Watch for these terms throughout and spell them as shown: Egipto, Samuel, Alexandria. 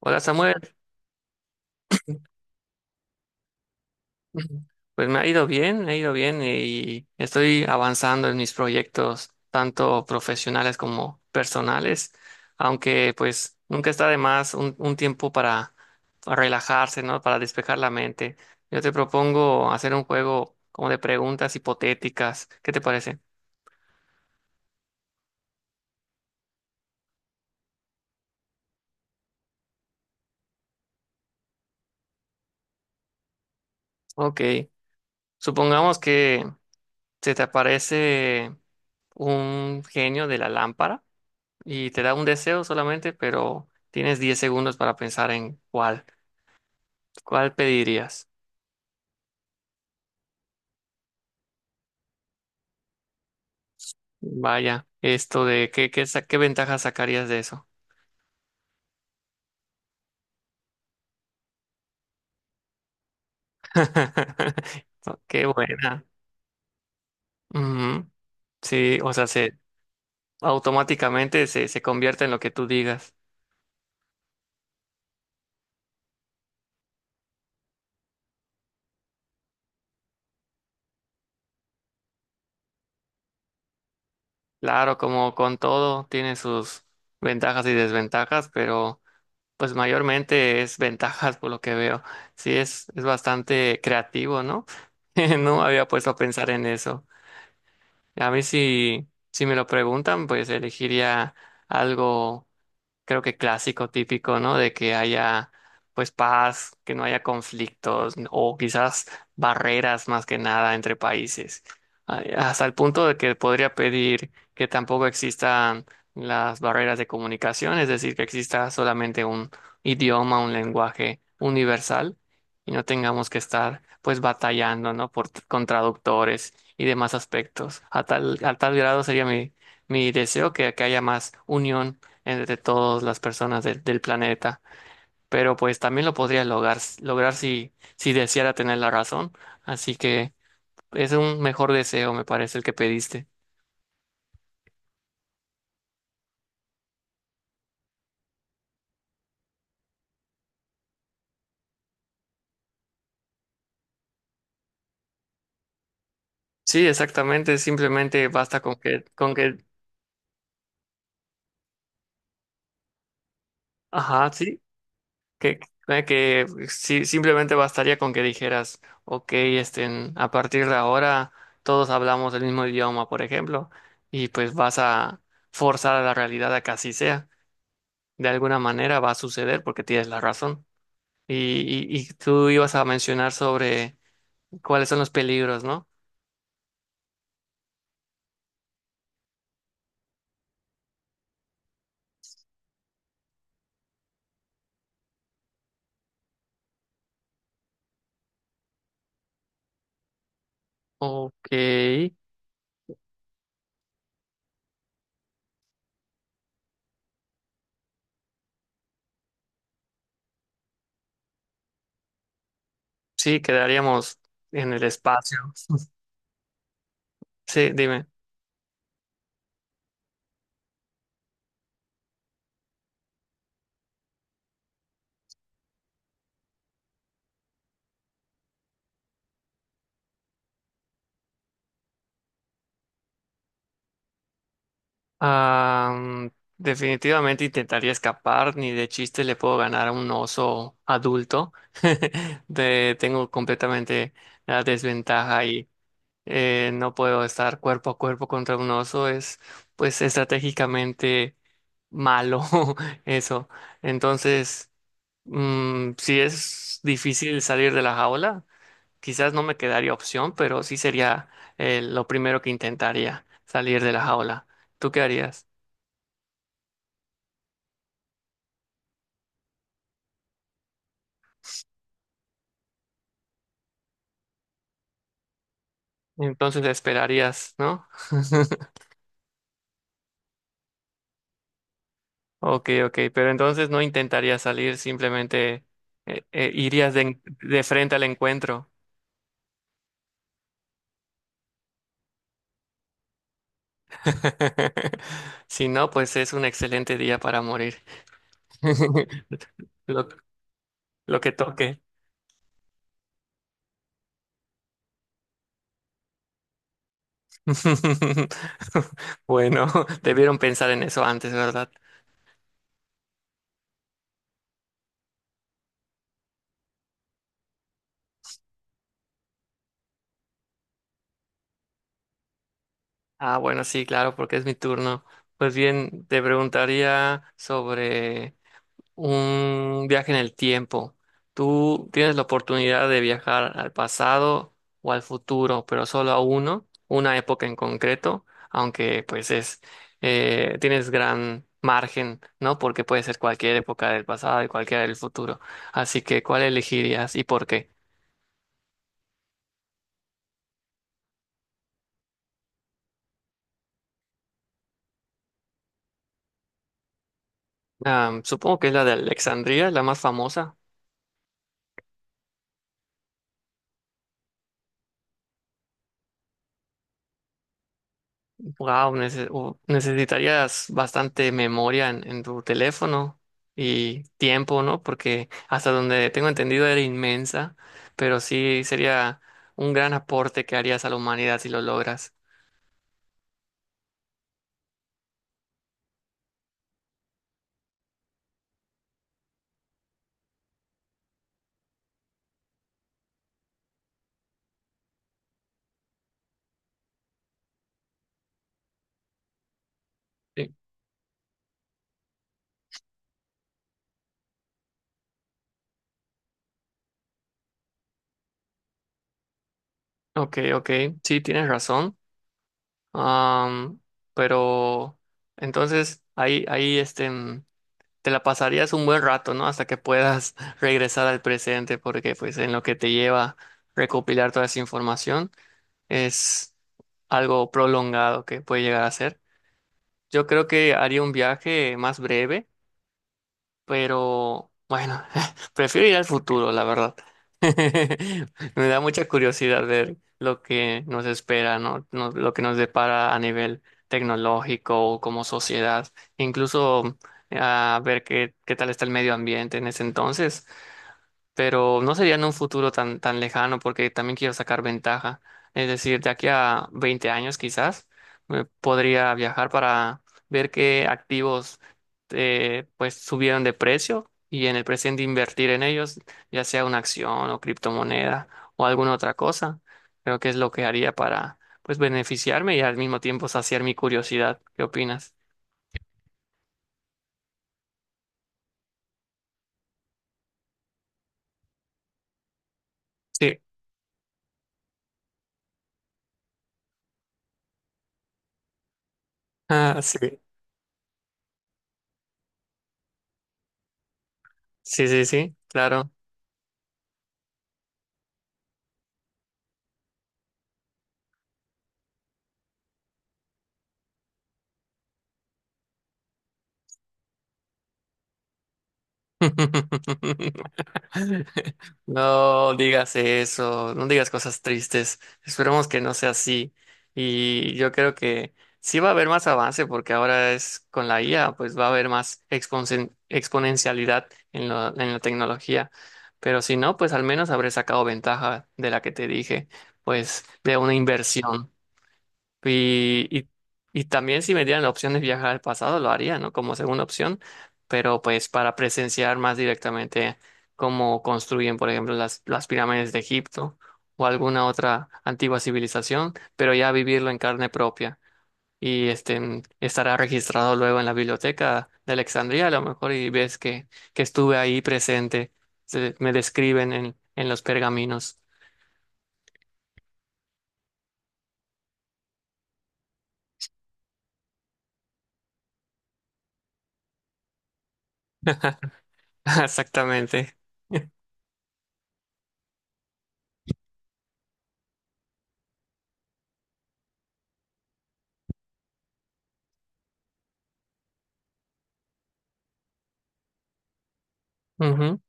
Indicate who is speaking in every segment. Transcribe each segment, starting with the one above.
Speaker 1: Hola Samuel, pues me ha ido bien, me ha ido bien y estoy avanzando en mis proyectos, tanto profesionales como personales, aunque pues nunca está de más un tiempo para relajarse, ¿no? Para despejar la mente. Yo te propongo hacer un juego como de preguntas hipotéticas, ¿qué te parece? Ok, supongamos que se te aparece un genio de la lámpara. Y te da un deseo solamente, pero tienes 10 segundos para pensar en cuál, cuál pedirías. Vaya, esto de qué ventajas sacarías de eso. Qué buena. Ujú. Sí, o sea, se automáticamente se convierte en lo que tú digas. Claro, como con todo, tiene sus ventajas y desventajas, pero pues mayormente es ventajas por lo que veo. Sí, es bastante creativo, ¿no? No me había puesto a pensar en eso. A mí si me lo preguntan, pues elegiría algo creo que clásico, típico, ¿no? De que haya pues paz, que no haya conflictos o quizás barreras más que nada entre países. Ay, hasta el punto de que podría pedir que tampoco existan las barreras de comunicación, es decir, que exista solamente un idioma, un lenguaje universal y no tengamos que estar pues batallando, ¿no? Por, con traductores y demás aspectos. A tal grado sería mi, mi deseo que haya más unión entre todas las personas del del planeta. Pero pues también lo podría lograr si deseara tener la razón. Así que es un mejor deseo, me parece, el que pediste. Sí, exactamente. Simplemente basta con que, ajá, sí, que, que sí, simplemente bastaría con que dijeras, ok, este, a partir de ahora todos hablamos el mismo idioma, por ejemplo, y pues vas a forzar a la realidad a que así sea. De alguna manera va a suceder porque tienes la razón. Y, y tú ibas a mencionar sobre cuáles son los peligros, ¿no? Ok, sí, quedaríamos en el espacio. Sí, dime. Ah, definitivamente intentaría escapar, ni de chiste le puedo ganar a un oso adulto. De- tengo completamente la desventaja ahí. No puedo estar cuerpo a cuerpo contra un oso, es pues estratégicamente malo eso. Entonces... Mm, si es difícil salir de la jaula, quizás no me quedaría opción, pero sí sería lo primero que intentaría, salir de la jaula. ¿Tú qué harías? Entonces esperarías, ¿no? Ok, ok, pero entonces no intentarías salir, simplemente irías de, en- de frente al encuentro. Si no, pues es un excelente día para morir. Lo, lo que toque. Bueno, debieron pensar en eso antes, ¿verdad? Ah, bueno, sí, claro, porque es mi turno. Pues bien, te preguntaría sobre un viaje en el tiempo. Tú tienes la oportunidad de viajar al pasado o al futuro, pero solo a uno, una época en concreto, aunque tienes gran margen, ¿no? Porque puede ser cualquier época del pasado y cualquiera del futuro. Así que, ¿cuál elegirías y por qué? Ah, supongo que es la de Alexandria, la más famosa. Wow, necesitarías bastante memoria en tu teléfono y tiempo, ¿no? Porque hasta donde tengo entendido era inmensa, pero sí sería un gran aporte que harías a la humanidad si lo logras. Sí. Ok, ok, sí, tienes razón. Am, pero entonces ahí, ahí este. Mm, te la pasarías un buen rato, ¿no? Hasta que puedas regresar al presente, porque pues en lo que te lleva recopilar toda esa información es algo prolongado que puede llegar a ser. Yo creo que haría un viaje más breve pero bueno, prefiero ir al futuro, la verdad. Me da mucha curiosidad ver lo que nos espera, ¿no? No- Lo que nos depara a nivel tecnológico o como sociedad, incluso a ver qué, qué tal está el medio ambiente en ese entonces pero no sería en un futuro tan lejano porque también quiero sacar ventaja. Es decir, de aquí a 20 años quizás me podría viajar para ver qué activos pues subieron de precio y en el presente invertir en ellos, ya sea una acción o criptomoneda o alguna otra cosa. Creo que es lo que haría para pues beneficiarme y al mismo tiempo saciar mi curiosidad. ¿Qué opinas? Sí. Ah, sí. Sí, sí, sí, claro. No digas eso, no digas cosas tristes. Esperemos que no sea así. Y yo creo que sí va a haber más avance porque ahora es con la IA, pues va a haber más exponen- exponencialidad en la tecnología. Pero si no, pues al menos habré sacado ventaja de la que te dije, pues de una inversión. Y, y, y también si me dieran la opción de viajar al pasado, lo haría, ¿no? Como segunda opción, pero pues para presenciar más directamente cómo construyen, por ejemplo, las pirámides de Egipto o alguna otra antigua civilización, pero ya vivirlo en carne propia. Y este estará registrado luego en la biblioteca de Alejandría, a lo mejor, y ves que estuve ahí presente. Se- me describen en los pergaminos. Exactamente. Ujú.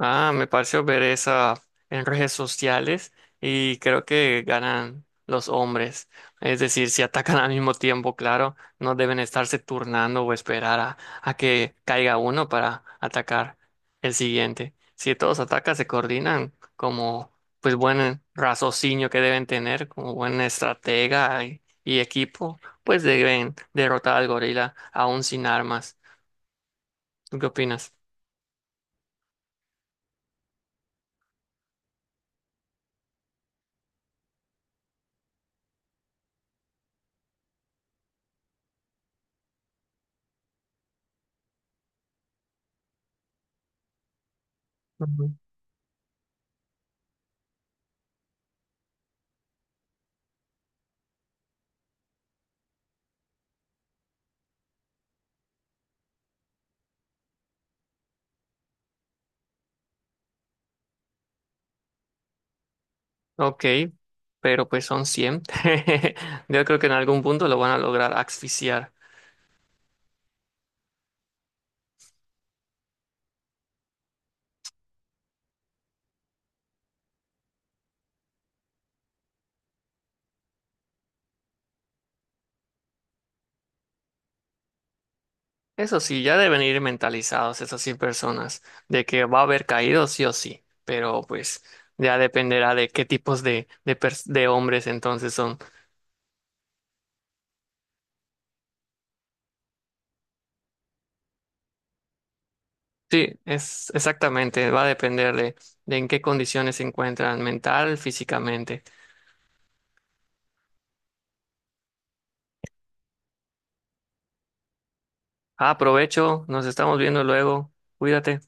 Speaker 1: Ah, me pareció ver esa en redes sociales y creo que ganan los hombres. Es decir, si atacan al mismo tiempo, claro, no deben estarse turnando o esperar a que caiga uno para atacar el siguiente. Si todos atacan, se coordinan como pues buen raciocinio que deben tener, como buen estratega y equipo, pues deben derrotar al gorila aún sin armas. ¿Tú qué opinas? Ujú. Ok, pero pues son 100 Yo creo que en algún punto lo van a lograr asfixiar. Eso sí, ya deben ir mentalizados esas 100 personas de que va a haber caídos sí o sí, pero pues ya dependerá de qué tipos pers- de hombres entonces son. Sí, es exactamente, va a depender de en qué condiciones se encuentran mental, físicamente. Ah, aprovecho, nos estamos viendo luego, cuídate.